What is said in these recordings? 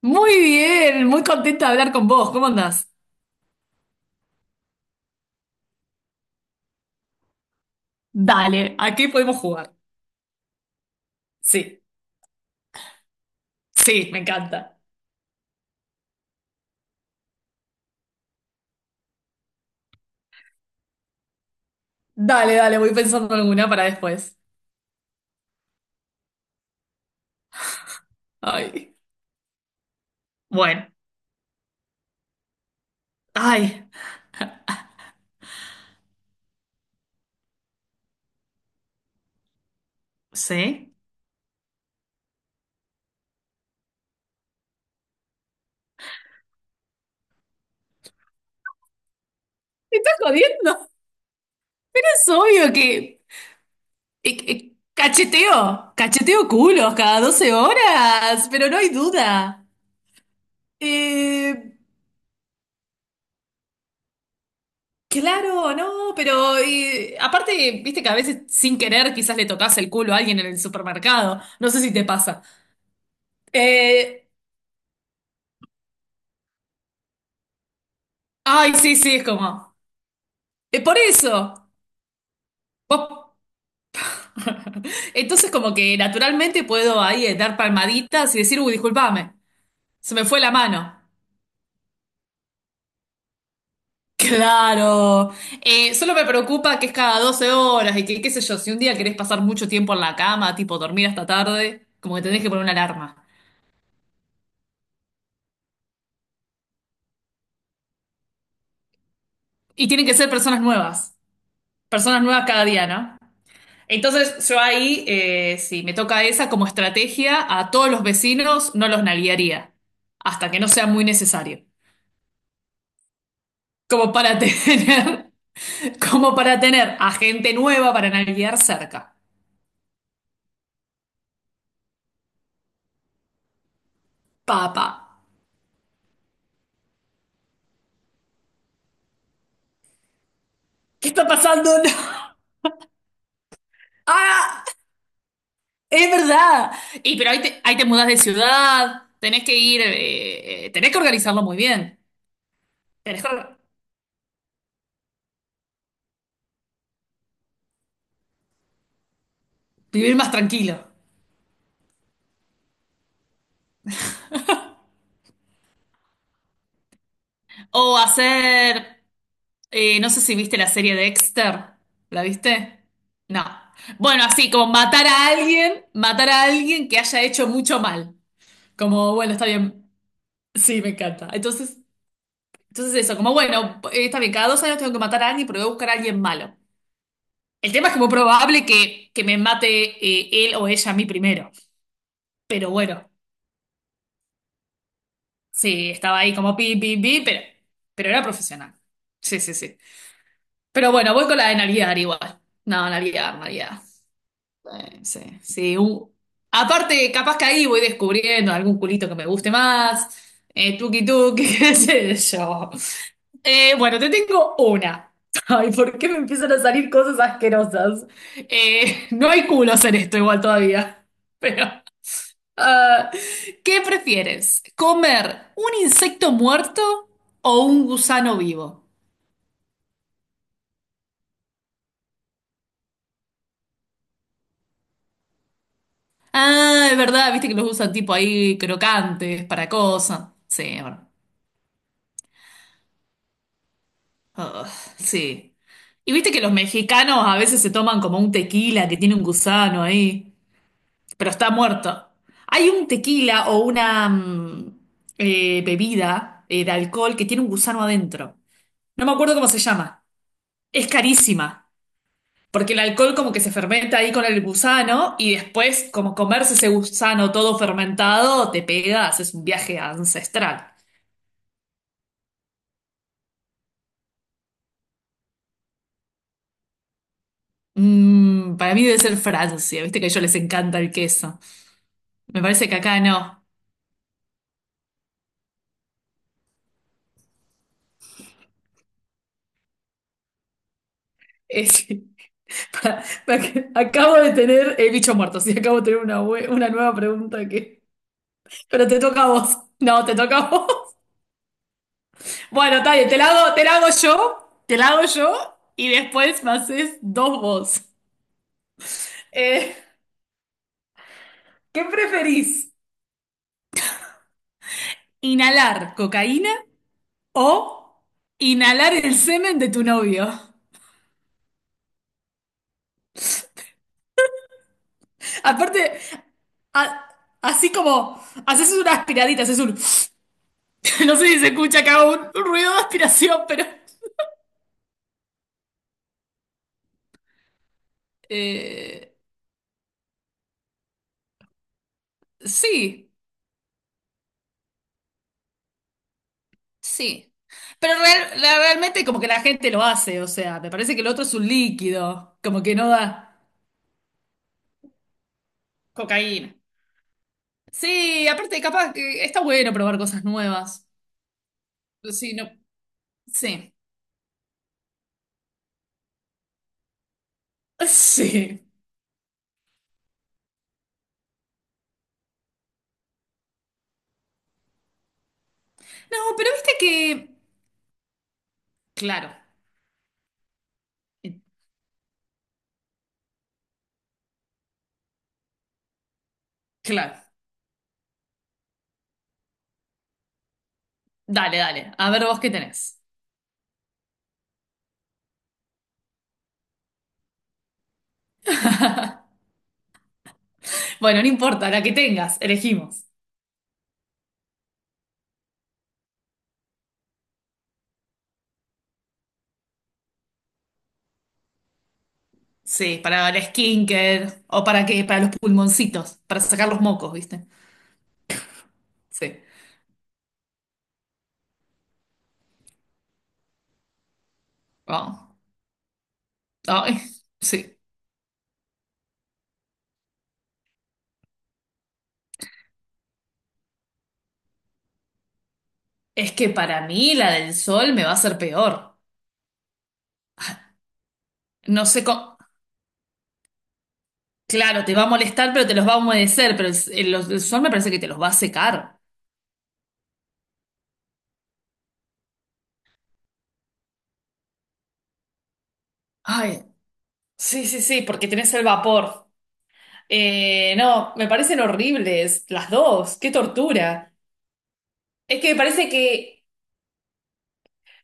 Muy bien, muy contenta de hablar con vos. ¿Cómo andás? Dale, aquí podemos jugar. Sí, sí, me encanta. Dale, dale, voy pensando en alguna para después. Ay, bueno, ay, ¿sí? ¿Me estás jodiendo? Pero es obvio que... eh, cacheteo, cacheteo culos cada 12 horas, pero no hay duda. Eh, claro, no, pero aparte, viste que a veces sin querer quizás le tocas el culo a alguien en el supermercado. No sé si te pasa. Eh, ay, sí, sí, es como. Por eso. Vos- Entonces, como que naturalmente puedo ahí dar palmaditas y decir, uy, discúlpame, se me fue la mano. Claro. Solo me preocupa que es cada 12 horas y que, qué sé yo, si un día querés pasar mucho tiempo en la cama, tipo dormir hasta tarde, como que tenés que poner una alarma. Y tienen que ser personas nuevas. Personas nuevas cada día, ¿no? Entonces yo ahí, si me toca esa como estrategia, a todos los vecinos no los nalguearía, hasta que no sea muy necesario. Como para tener, como para tener a gente nueva para nalguear cerca. Papá, ¿qué está pasando? ¡Ah! ¡Es verdad! Y pero ahí te mudás de ciudad, tenés que ir, tenés que organizarlo muy bien, tenés que or- vivir más tranquilo. O hacer... No sé si viste la serie de Dexter. ¿La viste? No. Bueno, así como matar a alguien que haya hecho mucho mal. Como, bueno, está bien. Sí, me encanta. Entonces, entonces eso, como, bueno, está bien, cada 2 años tengo que matar a alguien, pero voy a buscar a alguien malo. El tema es que muy probable que me mate él o ella a mí primero. Pero bueno, sí, estaba ahí como pi, pi, pi, pero era profesional. Sí, sí, sí. Pero bueno, voy con la de Navidad igual. No, Navidad, Navidad. Sí, sí. u- Aparte, capaz que ahí voy descubriendo algún culito que me guste más. Tuki tuki, qué sé yo. Bueno, te tengo una. Ay, ¿por qué me empiezan a salir cosas asquerosas? No hay culos en esto igual todavía. Pero, ah, ¿qué prefieres? ¿Comer un insecto muerto o un gusano vivo? Ah, es verdad, viste que los usan tipo ahí crocantes para cosas. Sí, bueno. Ugh, sí. Y viste que los mexicanos a veces se toman como un tequila que tiene un gusano ahí, pero está muerto. Hay un tequila o una bebida de alcohol que tiene un gusano adentro. No me acuerdo cómo se llama. Es carísima, porque el alcohol como que se fermenta ahí con el gusano y después como comerse ese gusano todo fermentado, te pegas, es un viaje ancestral. Mm, para mí debe ser Francia, viste que a ellos les encanta el queso. Me parece que acá no. Es- pa- pa- acabo de tener el bicho muerto, sí, acabo de tener una, bue- una nueva pregunta que... Pero te toca a vos. No, te toca a vos. Bueno, está bien, te la hago yo, te la hago yo y después me haces dos vos. Eh, ¿Qué preferís? ¿Inhalar cocaína o inhalar el semen de tu novio? Aparte, a- así como haces una aspiradita, haces un... No sé si se escucha acá un ruido de aspiración, pero... Eh, sí, sí. Pero real- la- realmente como que la gente lo hace, o sea, me parece que el otro es un líquido, como que no da cocaína. Sí, aparte capaz que está bueno probar cosas nuevas. Sí, no, sí. Sí. No, pero viste que... Claro, claro. Dale, dale. A ver vos qué tenés. Bueno, no importa, la que tengas, elegimos. Sí, para el skincare o para qué, para los pulmoncitos, para sacar los mocos, ¿viste? Sí. Wow. Ay, sí. Es que para mí la del sol me va a hacer peor. No sé cómo. Claro, te va a molestar, pero te los va a humedecer. Pero el- los- el sol me parece que te los va a secar. Ay, sí, sí, sí, porque tenés el vapor. No, me parecen horribles las dos. Qué tortura. Es que me parece que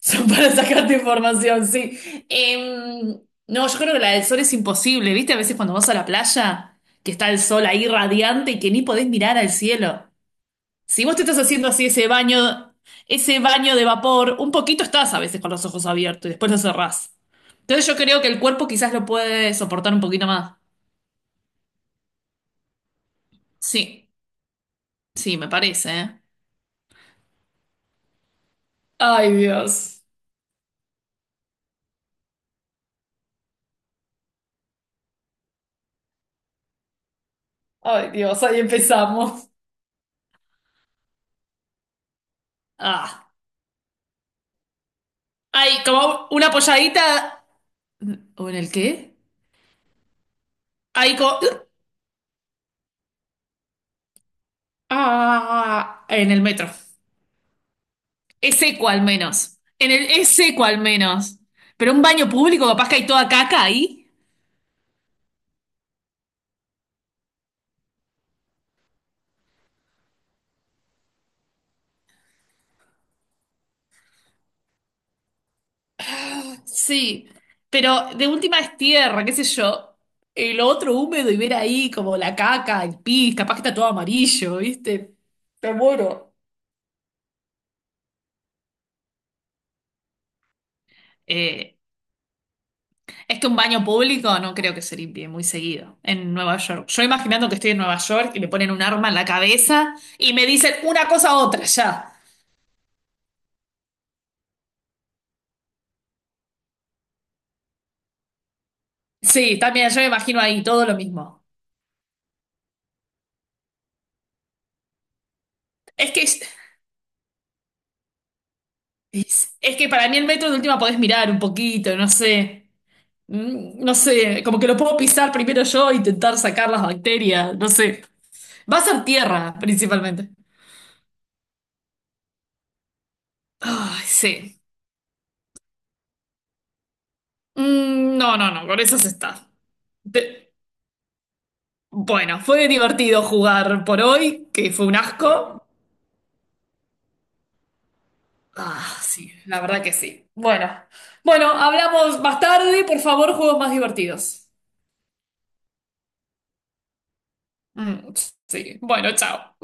son para sacarte información, sí. Em, no, yo creo que la del sol es imposible. ¿Viste? A veces cuando vas a la playa, que está el sol ahí radiante y que ni podés mirar al cielo. Si vos te estás haciendo así ese baño de vapor, un poquito estás a veces con los ojos abiertos y después lo cerrás. Entonces yo creo que el cuerpo quizás lo puede soportar un poquito más. Sí, sí, me parece, ¿eh? Ay, Dios. Ay, Dios, ahí empezamos. Ah. Hay como una polladita. ¿O en el qué? Ahí como. Ah, en el metro. Es seco al menos. En el, es seco al menos. Pero un baño público, capaz que hay toda caca ahí. Sí, pero de última es tierra, qué sé yo. El otro húmedo y ver ahí como la caca, el pis, capaz que está todo amarillo, ¿viste? Te muero. Eh, es que un baño público no creo que se limpie muy seguido en Nueva York. Yo imaginando que estoy en Nueva York y me ponen un arma en la cabeza y me dicen una cosa a otra ya. Sí, también yo me imagino ahí todo lo mismo. Es que es, es que para mí el metro de última podés mirar un poquito, no sé. Mm, no sé, como que lo puedo pisar primero yo e intentar sacar las bacterias, no sé. Va a ser tierra, principalmente. Ay, sí. Mm, no, no, no, con eso se está. Pe- bueno, fue divertido jugar por hoy, que fue un asco. Ah, sí, la verdad que sí. Bueno, bueno, hablamos más tarde, por favor, juegos más divertidos. Mm, sí, bueno, chao.